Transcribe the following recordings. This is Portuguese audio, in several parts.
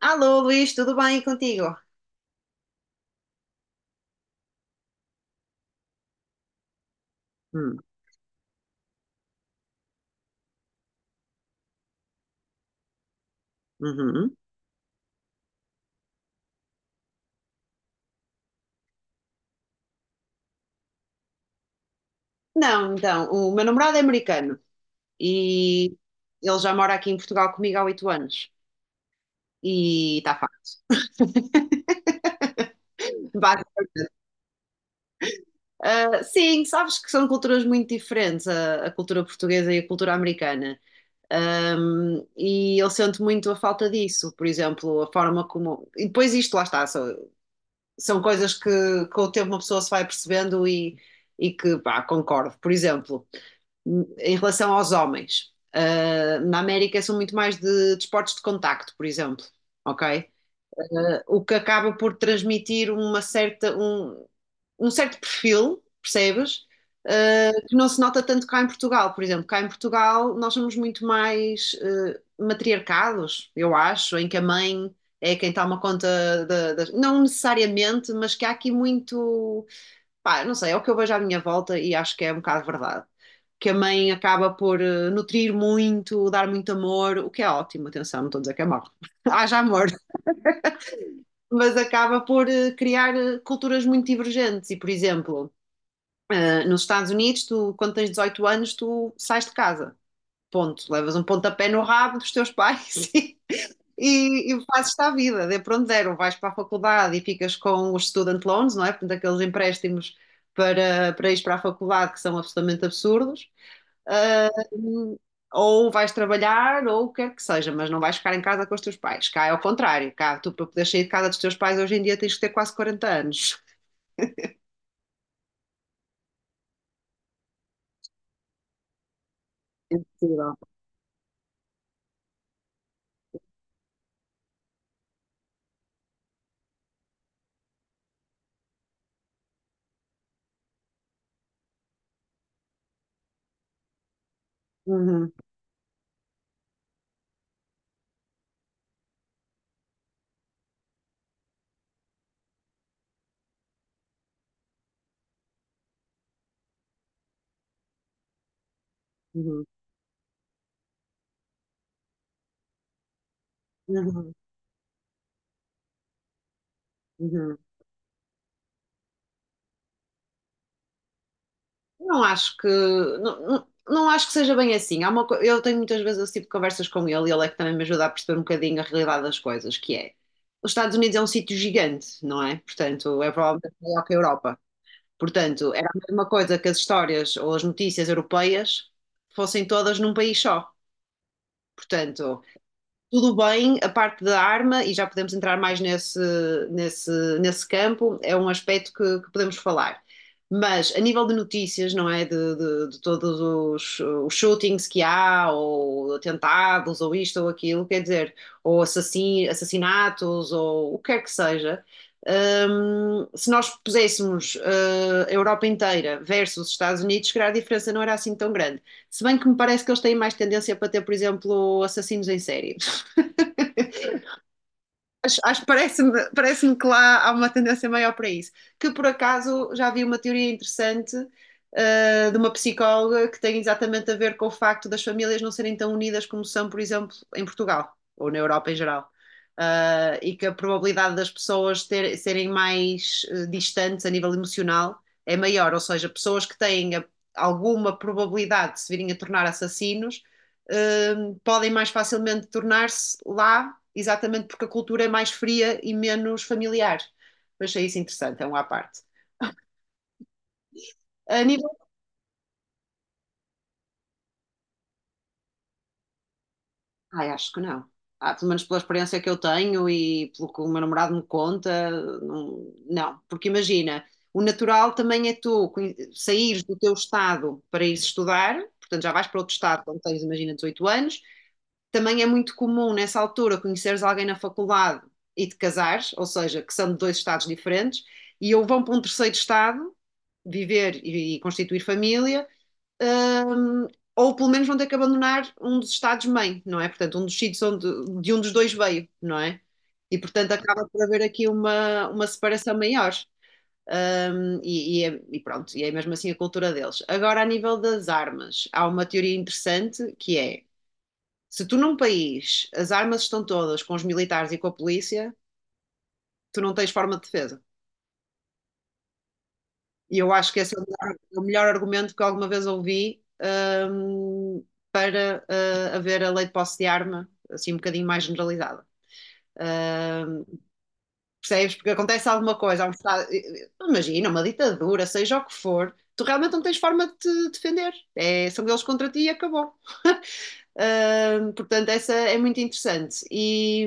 Alô, Luís, tudo bem contigo? Hum, uhum. Não, então, o meu namorado é americano e ele já mora aqui em Portugal comigo há 8 anos. E está fácil. Basi- Ah, sim, sabes que são culturas muito diferentes, a cultura portuguesa e a cultura americana. E eu sinto muito a falta disso, por exemplo, a forma como. E depois isto, lá está, são coisas que com o tempo uma pessoa se vai percebendo e que, pá, concordo. Por exemplo, em relação aos homens. Ah, na América são muito mais de desportos de contacto, por exemplo, ok? Ah, o que acaba por transmitir uma certa, um certo perfil, percebes? Ah, que não se nota tanto cá em Portugal, por exemplo. Cá em Portugal nós somos muito mais matriarcados, eu acho, em que a mãe é quem toma conta das. Não necessariamente, mas que há aqui muito. Pá, não sei, é o que eu vejo à minha volta e acho que é um bocado verdade que a mãe acaba por nutrir muito, dar muito amor, o que é ótimo, atenção, não estou a dizer que é mau. Haja amor, mas acaba por criar culturas muito divergentes. E, por exemplo, nos Estados Unidos, tu, quando tens 18 anos, tu sais de casa, ponto. Levas um pontapé no rabo dos teus pais e fazes-te à vida, dê para onde der, ou vais para a faculdade e ficas com os student loans, não é? Portanto, aqueles empréstimos para ir para a faculdade que são absolutamente absurdos. Hum, ou vais trabalhar, ou o que quer que seja, mas não vais ficar em casa com os teus pais. Cá é ao contrário, cá tu para poder sair de casa dos teus pais hoje em dia tens que ter quase 40 anos. Possível. Uhum, uhum, uhum, uhum. Não acho que não, não, não acho que seja bem assim. Eu tenho muitas vezes esse tipo de conversas com ele e ele é que também me ajuda a perceber um bocadinho a realidade das coisas, que é os Estados Unidos é um sítio gigante, não é? Portanto, é provavelmente maior que a Europa. Portanto, era a mesma coisa que as histórias ou as notícias europeias fossem todas num país só. Portanto, tudo bem, a parte da arma, e já podemos entrar mais nesse, nesse campo, é um aspecto que podemos falar. Mas a nível de notícias, não é? De todos os shootings que há, ou atentados, ou isto ou aquilo, quer dizer, ou assassinatos, ou o que quer que seja, se nós puséssemos, a Europa inteira versus os Estados Unidos, se calhar a diferença não era assim tão grande. Se bem que me parece que eles têm mais tendência para ter, por exemplo, assassinos em série. Parece-me que lá há uma tendência maior para isso. Que por acaso já vi uma teoria interessante, de uma psicóloga que tem exatamente a ver com o facto das famílias não serem tão unidas como são, por exemplo, em Portugal ou na Europa em geral. Ah, e que a probabilidade das pessoas serem mais distantes a nível emocional é maior, ou seja, pessoas que têm alguma probabilidade de se virem a tornar assassinos eh, podem mais facilmente tornar-se lá, exatamente porque a cultura é mais fria e menos familiar. Mas achei isso interessante, é um à parte. A nível. Ai, acho que não. Ah, pelo menos pela experiência que eu tenho e pelo que o meu namorado me conta, não, não. Porque imagina, o natural também é tu saíres do teu estado para ir estudar, portanto já vais para outro estado quando tens, imagina, 18 anos. Também é muito comum nessa altura conheceres alguém na faculdade e te casares, ou seja, que são de dois estados diferentes, e ou vão para um terceiro estado viver e constituir família. Hum, ou pelo menos vão ter que abandonar um dos estados-mãe, não é? Portanto, um dos sítios onde, de um dos dois veio, não é? E portanto acaba por haver aqui uma, separação maior. E pronto, e é mesmo assim a cultura deles. Agora, a nível das armas, há uma teoria interessante que é se tu num país as armas estão todas com os militares e com a polícia, tu não tens forma de defesa. E eu acho que esse é o melhor argumento que alguma vez ouvi, hum, para haver a lei de posse de arma assim um bocadinho mais generalizada. Hum, percebes? Porque acontece alguma coisa, há um Estado, imagina, uma ditadura, seja o que for, tu realmente não tens forma de te defender. É, são eles contra ti e acabou. Portanto, essa é muito interessante. E,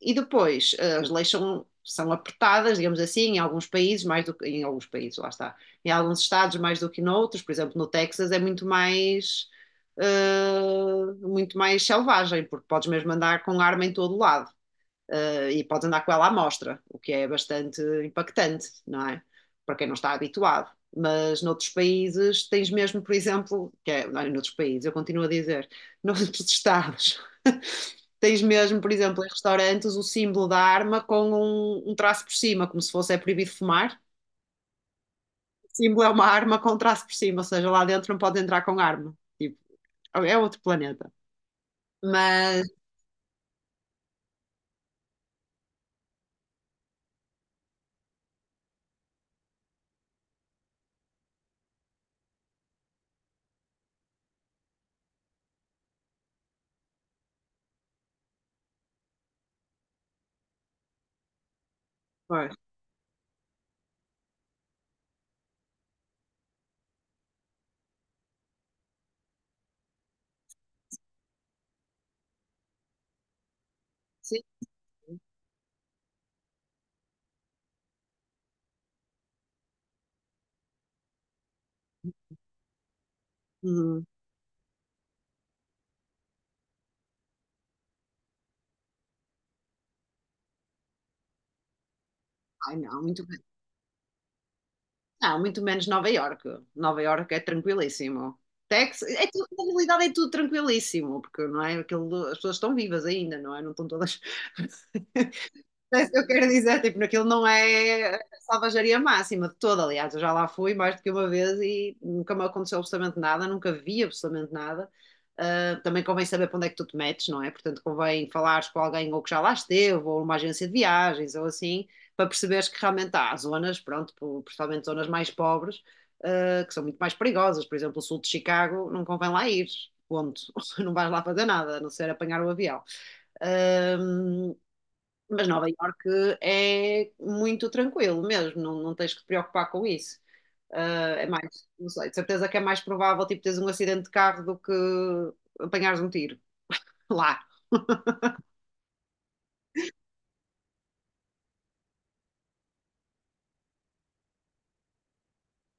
e depois, as leis são apertadas, digamos assim, em alguns países, mais do que em alguns países, lá está, em alguns estados mais do que noutros, por exemplo, no Texas é muito mais. Muito mais selvagem, porque podes mesmo andar com arma em todo lado, e pode andar com ela à mostra, o que é bastante impactante, não é? Para quem não está habituado. Mas noutros países tens mesmo, por exemplo, que é, não, é noutros países, eu continuo a dizer, noutros estados, tens mesmo, por exemplo, em restaurantes, o símbolo da arma com um traço por cima, como se fosse é proibido fumar. O símbolo é uma arma com um traço por cima, ou seja, lá dentro não pode entrar com arma. Tipo, é outro planeta. Mas, pois, sim. Uhum. Ai, não, muito. Não, muito menos Nova Iorque. Nova Iorque é tranquilíssimo. Texas, é tudo, na realidade é tudo tranquilíssimo, porque não é aquilo, as pessoas estão vivas ainda, não é? Não estão todas. É isso que eu quero dizer, tipo, naquilo não é a salvajaria máxima de toda, aliás, eu já lá fui mais do que uma vez e nunca me aconteceu absolutamente nada, nunca vi absolutamente nada. Ah, também convém saber para onde é que tu te metes, não é? Portanto, convém falares com alguém ou que já lá esteve, ou uma agência de viagens, ou assim, para perceberes que realmente há zonas, pronto, principalmente zonas mais pobres, que são muito mais perigosas. Por exemplo, o sul de Chicago, não convém lá ir, ponto. Não vais lá fazer nada, a não ser apanhar o avião. Ahm, mas Nova Iorque é muito tranquilo mesmo, não, não tens que te preocupar com isso. Ah, é mais, não sei, de certeza que é mais provável tipo teres um acidente de carro do que apanhares um tiro lá.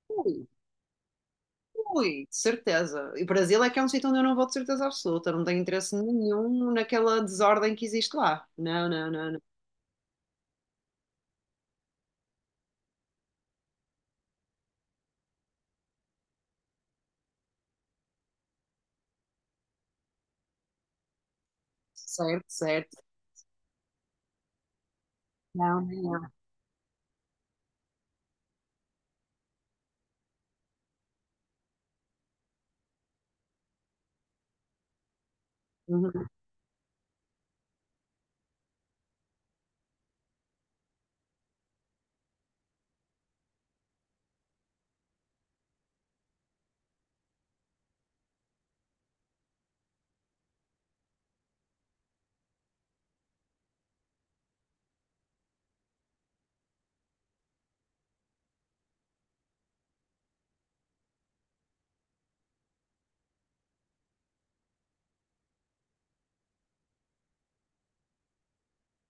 Ui, ui, de certeza. E o Brasil é que é um sítio onde eu não vou de certeza absoluta, não tenho interesse nenhum naquela desordem que existe lá. Não, não, não, não. Certo, certo. Não, não, não. Uhum,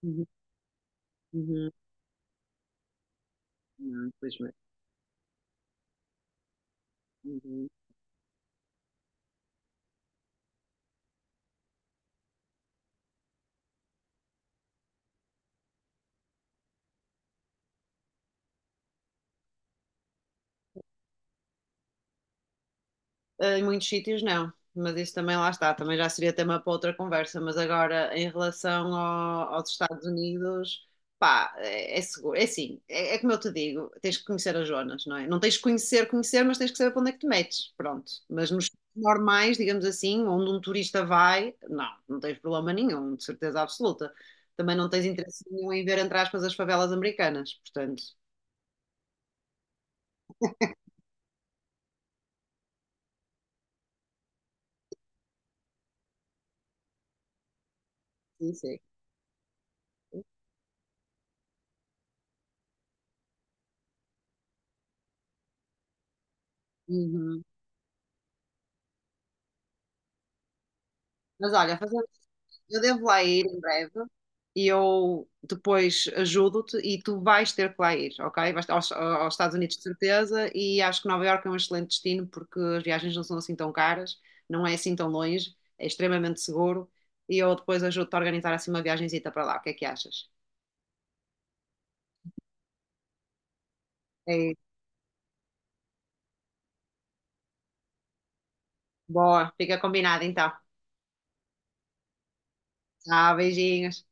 uhum, uhum. Não, infelizmente. Uhum. Ah, em muitos sítios não, mas isso também lá está, também já seria tema para outra conversa, mas agora em relação aos Estados Unidos, pá, é, é seguro, é assim, é como eu te digo, tens que conhecer as zonas, não é? Não tens que conhecer, conhecer, mas tens que saber para onde é que te metes, pronto. Mas nos sítios normais, digamos assim, onde um turista vai, não, não tens problema nenhum, de certeza absoluta. Também não tens interesse nenhum em ver, entre aspas, as favelas americanas, portanto, sim, sim. Uhum. Mas olha, fazer eu devo lá ir em breve e eu depois ajudo-te e tu vais ter que lá ir, ok? Vais aos Estados Unidos de certeza e acho que Nova Iorque é um excelente destino porque as viagens não são assim tão caras, não é assim tão longe, é extremamente seguro e eu depois ajudo-te a organizar assim uma viagenzita para lá. O que é que achas? É isso. Boa, fica combinado então. Tchau, beijinhos.